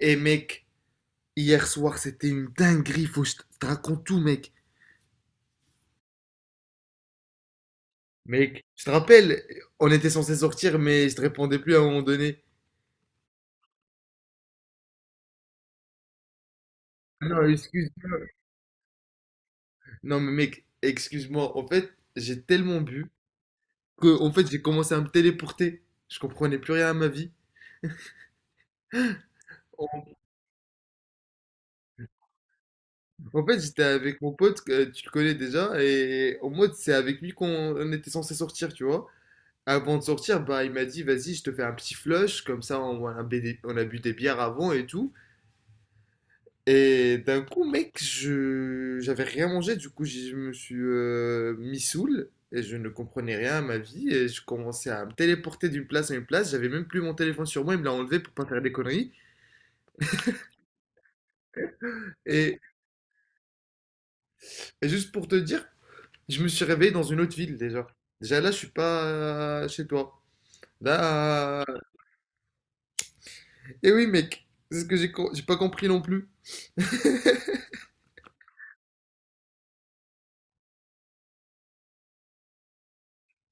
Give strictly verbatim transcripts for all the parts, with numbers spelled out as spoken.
Et mec, hier soir, c'était une dinguerie. Faut que je te je te raconte tout, mec. Mec, je te rappelle, on était censé sortir, mais je te répondais plus à un moment donné. Non, excuse-moi. Non, mais mec, excuse-moi. En fait, j'ai tellement bu que, en fait, j'ai commencé à me téléporter. Je comprenais plus rien à ma vie. En, en fait, j'étais avec mon pote, que tu le connais déjà, et en mode, c'est avec lui qu'on on était censé sortir, tu vois. Avant de sortir, bah, il m'a dit, vas-y, je te fais un petit flush, comme ça, on, on a bu des on a bu des bières avant et tout. Et d'un coup, mec, je j'avais rien mangé, du coup, je me suis euh, mis saoul et je ne comprenais rien à ma vie et je commençais à me téléporter d'une place à une place. J'avais même plus mon téléphone sur moi, il me l'a enlevé pour pas faire des conneries. Et, et juste pour te dire, je me suis réveillé dans une autre ville déjà. Déjà là, je suis pas euh, chez toi. Là, et oui, mec, c'est ce que j'ai co- j'ai pas compris non plus.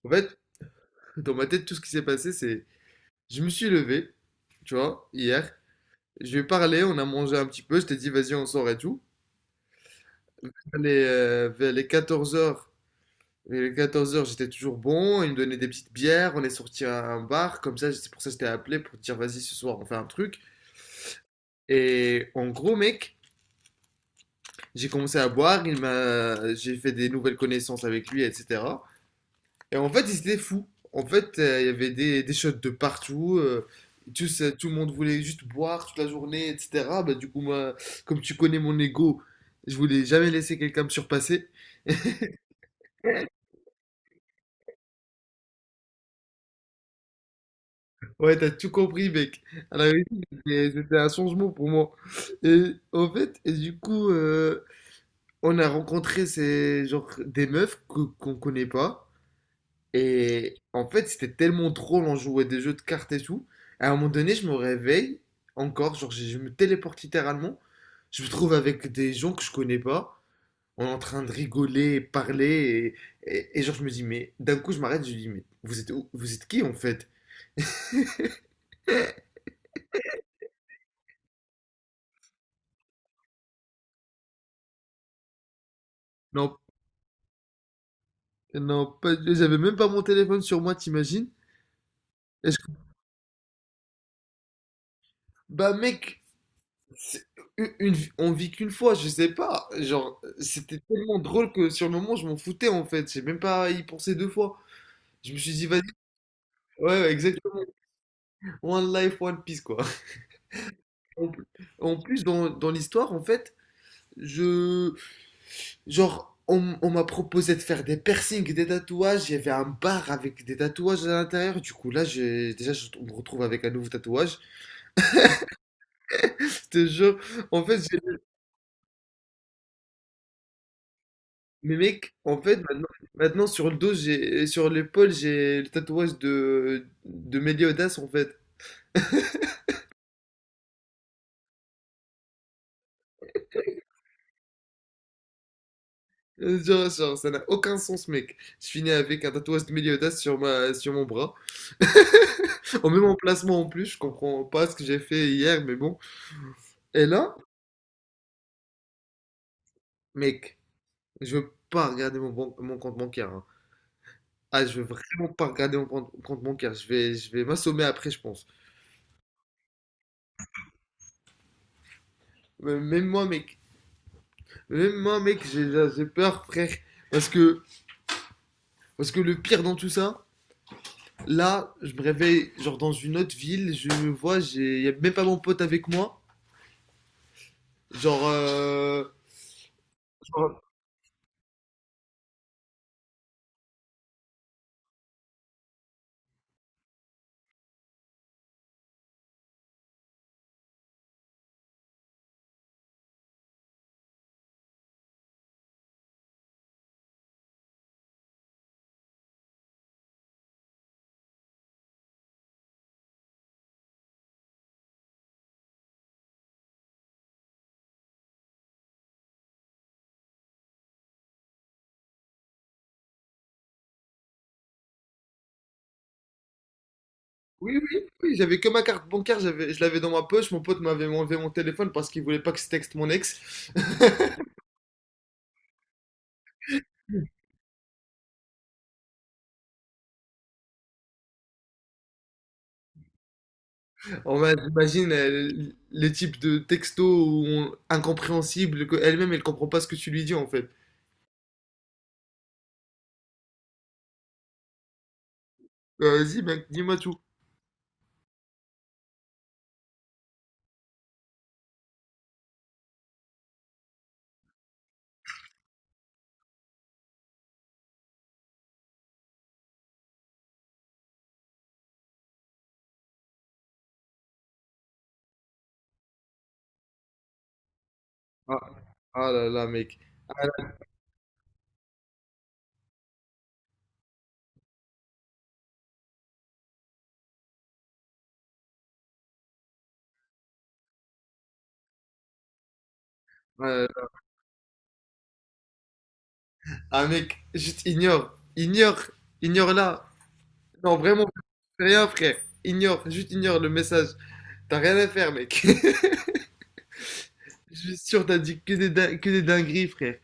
En fait, dans ma tête, tout ce qui s'est passé, c'est je me suis levé, tu vois, hier. Je lui ai parlé, on a mangé un petit peu, je t'ai dit vas-y on sort et tout. Vers les, euh, vers les quatorze heures, les quatorze heures j'étais toujours bon, il me donnait des petites bières, on est sorti à un bar, comme ça c'est pour ça que je t'ai appelé pour te dire vas-y ce soir on fait un truc. Et en gros mec, j'ai commencé à boire, il m'a, j'ai fait des nouvelles connaissances avec lui, et cetera. Et en fait, ils étaient fous. En fait, euh, il y avait des, des shots de partout. Euh, tout, ça- tout le monde voulait juste boire toute la journée, et cetera. Bah, du coup, moi, comme tu connais mon ego, je voulais jamais laisser quelqu'un me surpasser. Ouais, t'as tout compris, mec. À la vérité, c'était c'était un changement pour moi. Et en fait, et du coup, euh, on a rencontré ces, genre, des meufs que- qu'on connaît pas. Et en fait, c'était tellement drôle, on jouait des jeux de cartes et tout. À un moment donné, je me réveille encore, genre je je me téléporte littéralement. Je me trouve avec des gens que je connais pas. On est en train de rigoler, parler. Et, et- et genre, je me dis, mais d'un coup, je m'arrête, je lui dis, mais vous êtes, où- vous êtes qui en fait? Non, non, pas- j'avais même pas mon téléphone sur moi, t'imagines? Est-ce que- Bah mec, c'est- une, une vie- on vit qu'une fois, je sais pas. Genre, c'était tellement drôle que sur le moment, je m'en foutais en fait. J'ai même pas y pensé deux fois. Je me suis dit, vas-y, ouais, ouais, exactement. One life, one piece, quoi. En pl- en plus, dans, dans l'histoire, en fait, je. Genre, on, m- on m'a proposé de faire des piercings, des tatouages. Il y avait un bar avec des tatouages à l'intérieur. Du coup, là, j'ai, déjà, je on me retrouve avec un nouveau tatouage. C'était genre, en fait, j'ai- mais mec, en fait, maintenant, maintenant, sur le dos, j'ai, sur l'épaule, j'ai le tatouage de, de Meliodas, en fait. Genre, genre, ça n'a aucun sens, mec. Je finis avec un tatouage de Meliodas sur ma, sur mon bras. Au même emplacement en plus, je comprends pas ce que j'ai fait hier, mais bon. Et là, mec, je veux pas regarder mon, ban- mon compte bancaire, hein. Ah, je veux vraiment pas regarder mon compte, compte bancaire. Je vais, je vais m'assommer après, je pense. Mais même moi, mec. Même moi, mec, j'ai j'ai peur, frère. Parce que, parce que le pire dans tout ça, là, je me réveille genre dans une autre ville, je me vois, j'ai, y a même pas mon pote avec moi. Genre, euh, genre, oui, oui, oui, j'avais que ma carte bancaire, j'avais, je l'avais dans ma poche. Mon pote m'avait enlevé mon téléphone parce qu'il voulait pas que je texte mon ex. On m'a- imagine euh, les types de texto où on- incompréhensibles qu'elle-même elle comprend pas ce que tu lui dis en fait. Euh, vas-y, mec, dis-moi tout. Ah, ah là là, mec. Ah, là là. Ah, mec, juste ignore, ignore, ignore là. Non, vraiment, fais rien, frère. Ignore, juste ignore le message. T'as rien à faire, mec. Je suis sûr, t'as dit que des, din- que des dingueries, frère.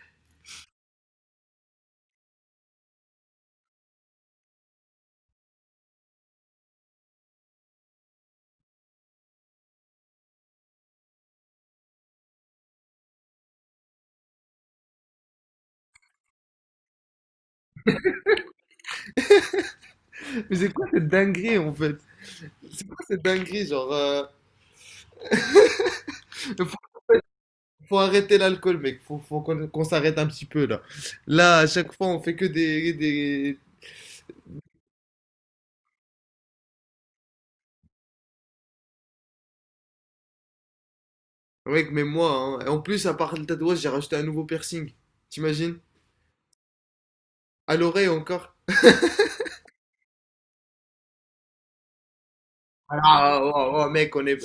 Mais c'est quoi cette dinguerie, en fait? C'est quoi cette dinguerie, genre... euh, Faut, faut arrêter l'alcool, mec. Faut, faut qu'on qu'on s'arrête un petit peu, là. Là, à chaque fois, on fait que des... des... Mec, mais moi, hein. Et en plus, à part le tatouage, j'ai rajouté un nouveau piercing. T'imagines? À l'oreille, encore. Ah, oh, oh, oh, mec, on est...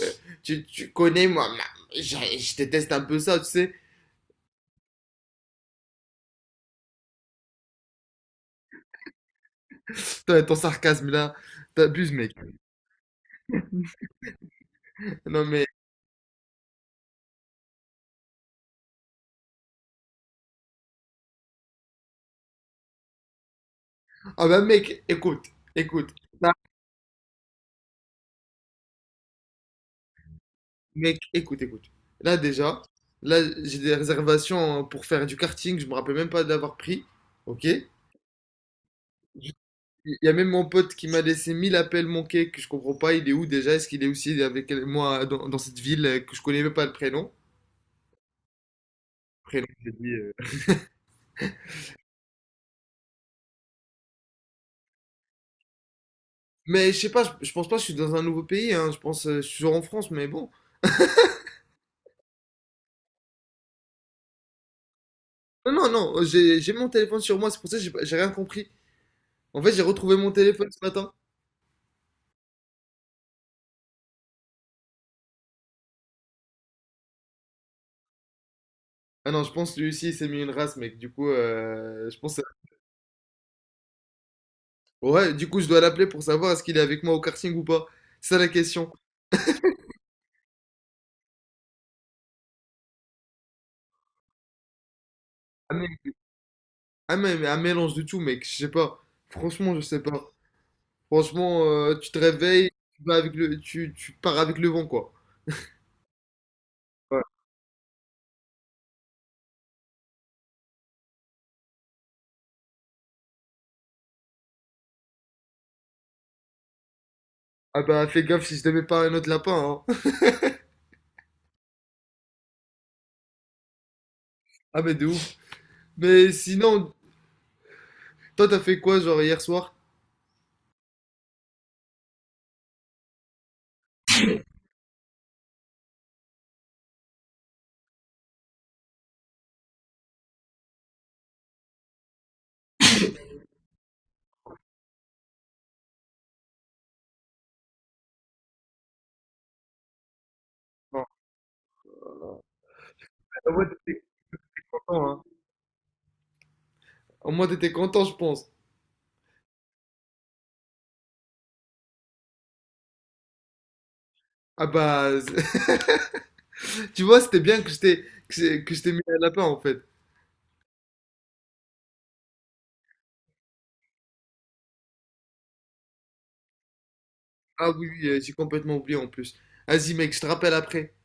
Tu, tu connais, moi, ma- je, je déteste un peu ça, tu sais? Ton, ton sarcasme, là, t'abuses, mec. Non, mais... Ah bah, mec, écoute, écoute. Mec, écoute, écoute. Là déjà, là j'ai des réservations pour faire du karting, je me rappelle même pas d'avoir pris. Ok? Il y a même mon pote qui m'a laissé mille appels manqués que je comprends pas. Il est où déjà? Est-ce qu'il est aussi avec moi dans, dans cette ville euh, que je connais même pas le prénom? Prénom, j'ai dit, euh. Mais je sais pas, je, je pense pas je suis dans un nouveau pays, hein. Je pense euh, je suis toujours en France, mais bon. Non, non, non, j'ai j'ai mon téléphone sur moi, c'est pour ça que j'ai pas- j'ai rien compris. En fait, j'ai retrouvé mon téléphone ce matin. Ah non, je pense que lui aussi il s'est mis une race, mec. Du coup, euh, je pense. Ouais, du coup, je dois l'appeler pour savoir est-ce qu'il est avec moi au karting ou pas. C'est ça la question. Ah mais, ah mais- mais un mélange de tout, mec. Je sais pas. Franchement, je sais pas. Franchement, euh, tu te réveilles, tu vas avec le, tu, tu pars avec le vent, quoi. Ouais. Ah bah, fais gaffe si je te mets pas un autre lapin, hein. Ah mais de ouf. Mais sinon, toi, t'as fait quoi, genre, hier soir? Non. Au moins, t'étais content, hein. Au moins, t'étais content, je pense. Ah bah, tu vois, c'était bien que je t'ai, que, je- que je t'ai mis un lapin, en fait. Ah oui, oui, euh, j'ai complètement oublié, en plus. Vas-y, mec, je te rappelle après.